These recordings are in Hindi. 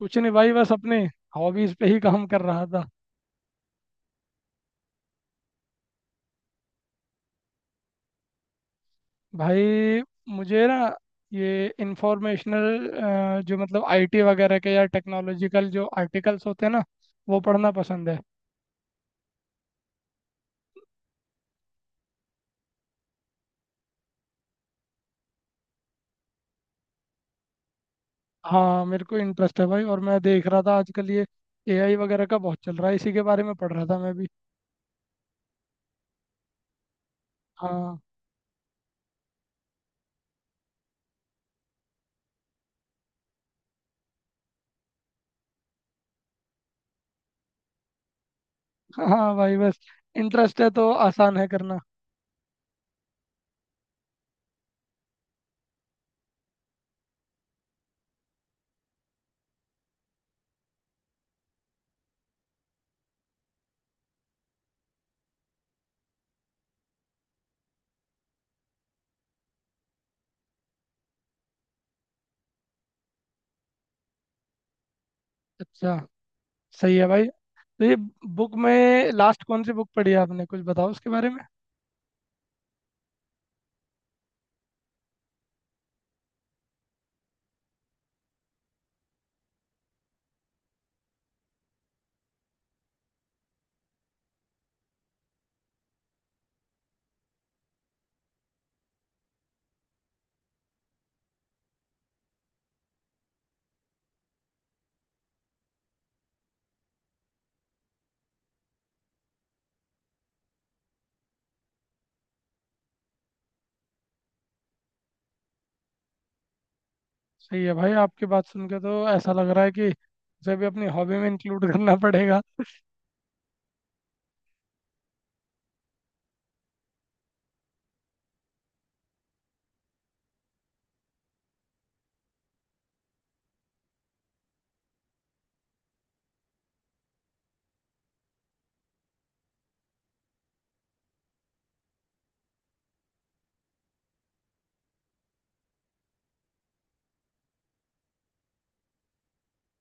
कुछ नहीं भाई बस अपने हॉबीज पे ही काम कर रहा था। भाई मुझे ना ये इंफॉर्मेशनल जो मतलब आईटी वगैरह के या टेक्नोलॉजिकल जो आर्टिकल्स होते हैं ना वो पढ़ना पसंद है। हाँ मेरे को इंटरेस्ट है भाई और मैं देख रहा था आजकल ये एआई वगैरह का बहुत चल रहा है इसी के बारे में पढ़ रहा था मैं भी। हाँ। हाँ भाई बस इंटरेस्ट है तो आसान है करना। अच्छा। सही है भाई। तो ये बुक में लास्ट कौन सी बुक पढ़ी है आपने कुछ बताओ उसके बारे में। सही है भाई आपकी बात सुन के तो ऐसा लग रहा है कि उसे भी अपनी हॉबी में इंक्लूड करना पड़ेगा।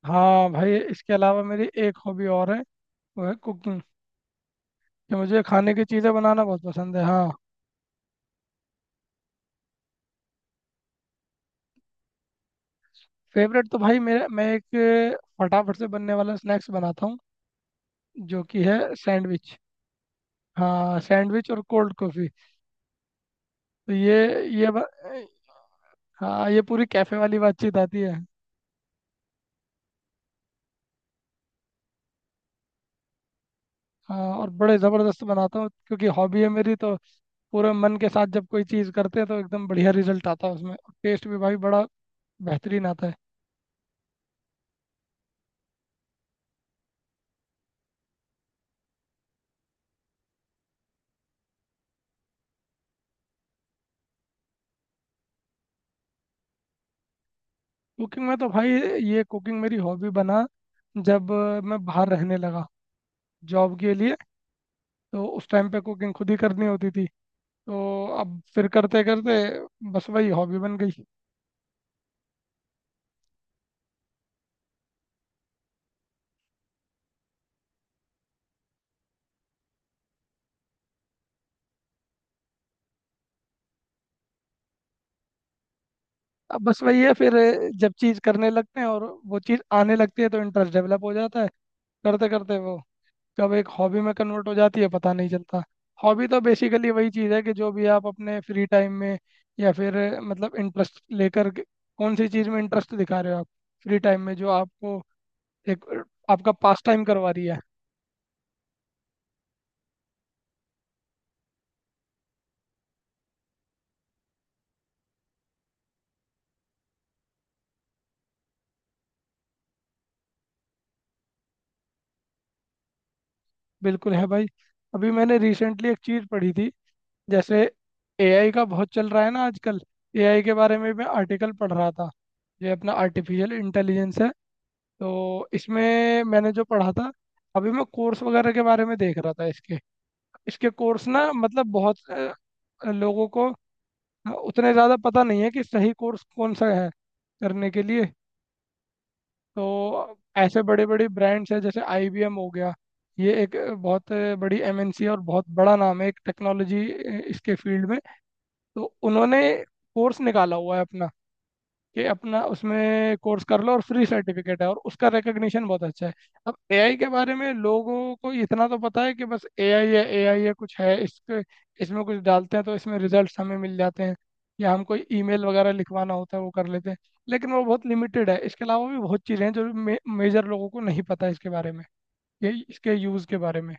हाँ भाई इसके अलावा मेरी एक हॉबी और है, वो है कुकिंग कि मुझे खाने की चीज़ें बनाना बहुत पसंद है। हाँ। फेवरेट तो भाई मेरा, मैं एक फटाफट से बनने वाला स्नैक्स बनाता हूँ जो कि है सैंडविच। हाँ सैंडविच और कोल्ड कॉफ़ी। तो ये ये ब- हाँ ये पूरी कैफ़े वाली बातचीत आती है। हाँ और बड़े ज़बरदस्त बनाता हूँ क्योंकि हॉबी है मेरी, तो पूरे मन के साथ जब कोई चीज़ करते हैं तो एकदम बढ़िया रिजल्ट आता है उसमें और टेस्ट भी भाई बड़ा बेहतरीन आता है। कुकिंग में तो भाई, ये कुकिंग मेरी हॉबी बना जब मैं बाहर रहने लगा जॉब के लिए। तो उस टाइम पे कुकिंग खुद ही करनी होती थी। तो अब फिर करते करते बस वही हॉबी बन गई। अब बस वही है फिर, जब चीज़ करने लगते हैं और वो चीज़ आने लगती है तो इंटरेस्ट डेवलप हो जाता है। करते करते वो कब एक हॉबी में कन्वर्ट हो जाती है पता नहीं चलता। हॉबी तो बेसिकली वही चीज़ है कि जो भी आप अपने फ्री टाइम में या फिर मतलब इंटरेस्ट लेकर के, कौन सी चीज़ में इंटरेस्ट दिखा रहे हो आप, फ्री टाइम में जो आपको एक आपका पास टाइम करवा रही है। बिल्कुल है भाई। अभी मैंने रिसेंटली एक चीज़ पढ़ी थी। जैसे एआई का बहुत चल रहा है ना आजकल, एआई के बारे में मैं आर्टिकल पढ़ रहा था। ये अपना आर्टिफिशियल इंटेलिजेंस है। तो इसमें मैंने जो पढ़ा था, अभी मैं कोर्स वगैरह के बारे में देख रहा था इसके। इसके कोर्स ना मतलब बहुत लोगों को उतने ज़्यादा पता नहीं है कि सही कोर्स कौन सा है करने के लिए। तो ऐसे बड़े बड़े ब्रांड्स हैं जैसे IBM हो गया। ये एक बहुत बड़ी एमएनसी है और बहुत बड़ा नाम है एक टेक्नोलॉजी इसके फील्ड में। तो उन्होंने कोर्स निकाला हुआ है अपना कि अपना उसमें कोर्स कर लो, और फ्री सर्टिफिकेट है और उसका रिकग्निशन बहुत अच्छा है। अब एआई के बारे में लोगों को इतना तो पता है कि बस एआई है, एआई है कुछ है, इसके इसमें कुछ डालते हैं तो इसमें रिजल्ट्स हमें मिल जाते हैं, या हम कोई ईमेल वगैरह लिखवाना होता है वो कर लेते हैं। लेकिन वो बहुत लिमिटेड है, इसके अलावा भी बहुत चीज़ें हैं जो मेजर लोगों को नहीं पता इसके बारे में, ये इसके यूज़ के बारे में।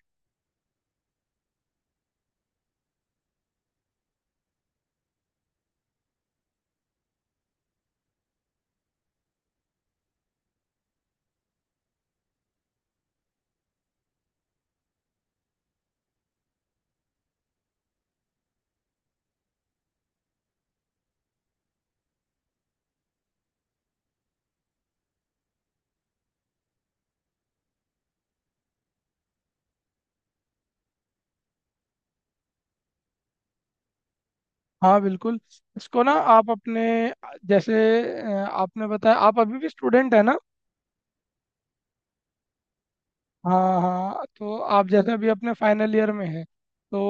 हाँ बिल्कुल। इसको ना आप अपने, जैसे आपने बताया आप अभी भी स्टूडेंट है ना। हाँ हाँ, तो आप जैसे अभी अपने फाइनल ईयर में है, तो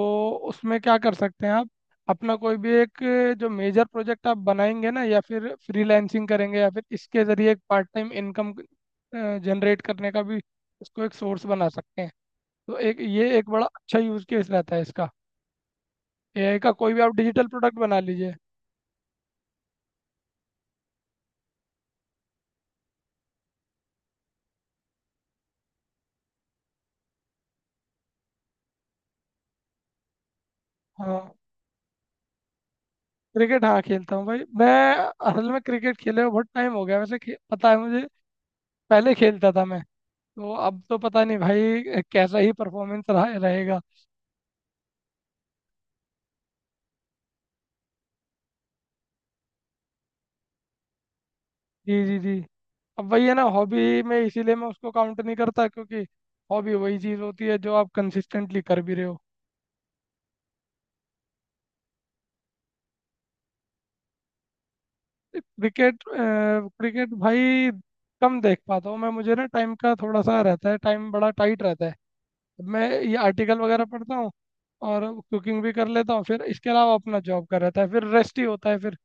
उसमें क्या कर सकते हैं आप, अपना कोई भी एक जो मेजर प्रोजेक्ट आप बनाएंगे ना, या फिर फ्रीलांसिंग करेंगे, या फिर इसके जरिए एक पार्ट टाइम इनकम जनरेट करने का भी इसको एक सोर्स बना सकते हैं। तो एक ये एक बड़ा अच्छा यूज केस रहता है इसका, एआई का कोई भी आप डिजिटल प्रोडक्ट बना लीजिए। हाँ। क्रिकेट, हाँ खेलता हूँ भाई मैं। असल में क्रिकेट खेले हुए बहुत टाइम हो गया वैसे, पता है मुझे, पहले खेलता था मैं। तो अब तो पता नहीं भाई कैसा ही परफॉर्मेंस रहा रहेगा। जी जी जी। अब वही है ना, हॉबी में इसीलिए मैं उसको काउंट नहीं करता क्योंकि हॉबी वही चीज़ होती है जो आप कंसिस्टेंटली कर भी रहे हो। क्रिकेट क्रिकेट भाई कम देख पाता हूँ मैं, मुझे ना टाइम का थोड़ा सा रहता है, टाइम बड़ा टाइट रहता है। मैं ये आर्टिकल वगैरह पढ़ता हूँ और कुकिंग भी कर लेता हूँ, फिर इसके अलावा अपना जॉब कर रहता है, फिर रेस्ट ही होता है, फिर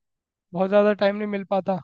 बहुत ज़्यादा टाइम नहीं मिल पाता।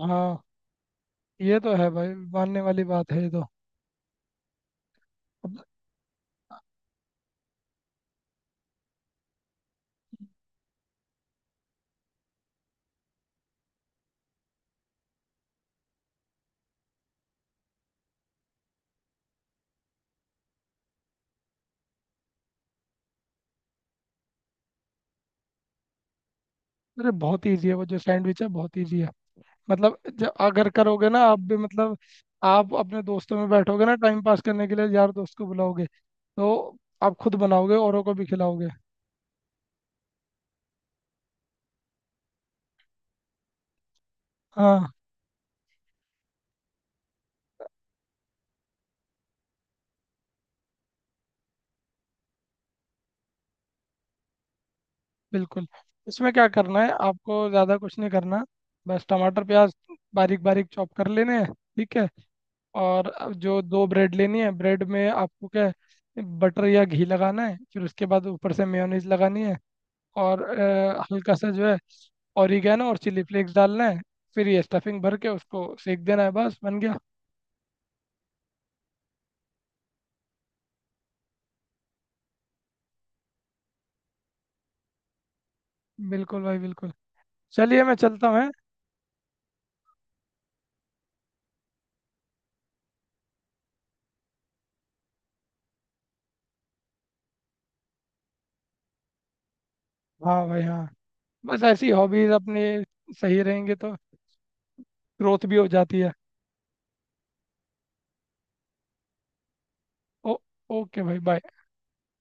हाँ ये तो है भाई, मानने वाली बात है ये तो। अरे बहुत इजी है वो, जो सैंडविच है बहुत इजी है। मतलब जब अगर करोगे ना आप भी, मतलब आप अपने दोस्तों में बैठोगे ना टाइम पास करने के लिए, यार दोस्त को बुलाओगे तो आप खुद बनाओगे, औरों को भी खिलाओगे। हाँ। बिल्कुल, इसमें क्या करना है, आपको ज़्यादा कुछ नहीं करना। बस टमाटर प्याज बारीक बारीक चॉप कर लेने हैं, ठीक है। और अब जो दो ब्रेड लेनी है, ब्रेड में आपको क्या है, बटर या घी लगाना है, फिर उसके बाद ऊपर से मेयोनीज लगानी है। और हल्का सा जो है ऑरिगेनो और चिली फ्लेक्स डालना है। फिर ये स्टफिंग भर के उसको सेक देना है, बस बन गया। बिल्कुल भाई बिल्कुल। चलिए मैं चलता हूँ, हैं? हाँ भाई हाँ, बस ऐसी हॉबीज अपनी सही रहेंगे तो ग्रोथ भी हो जाती है। ओ, ओके भाई बाय।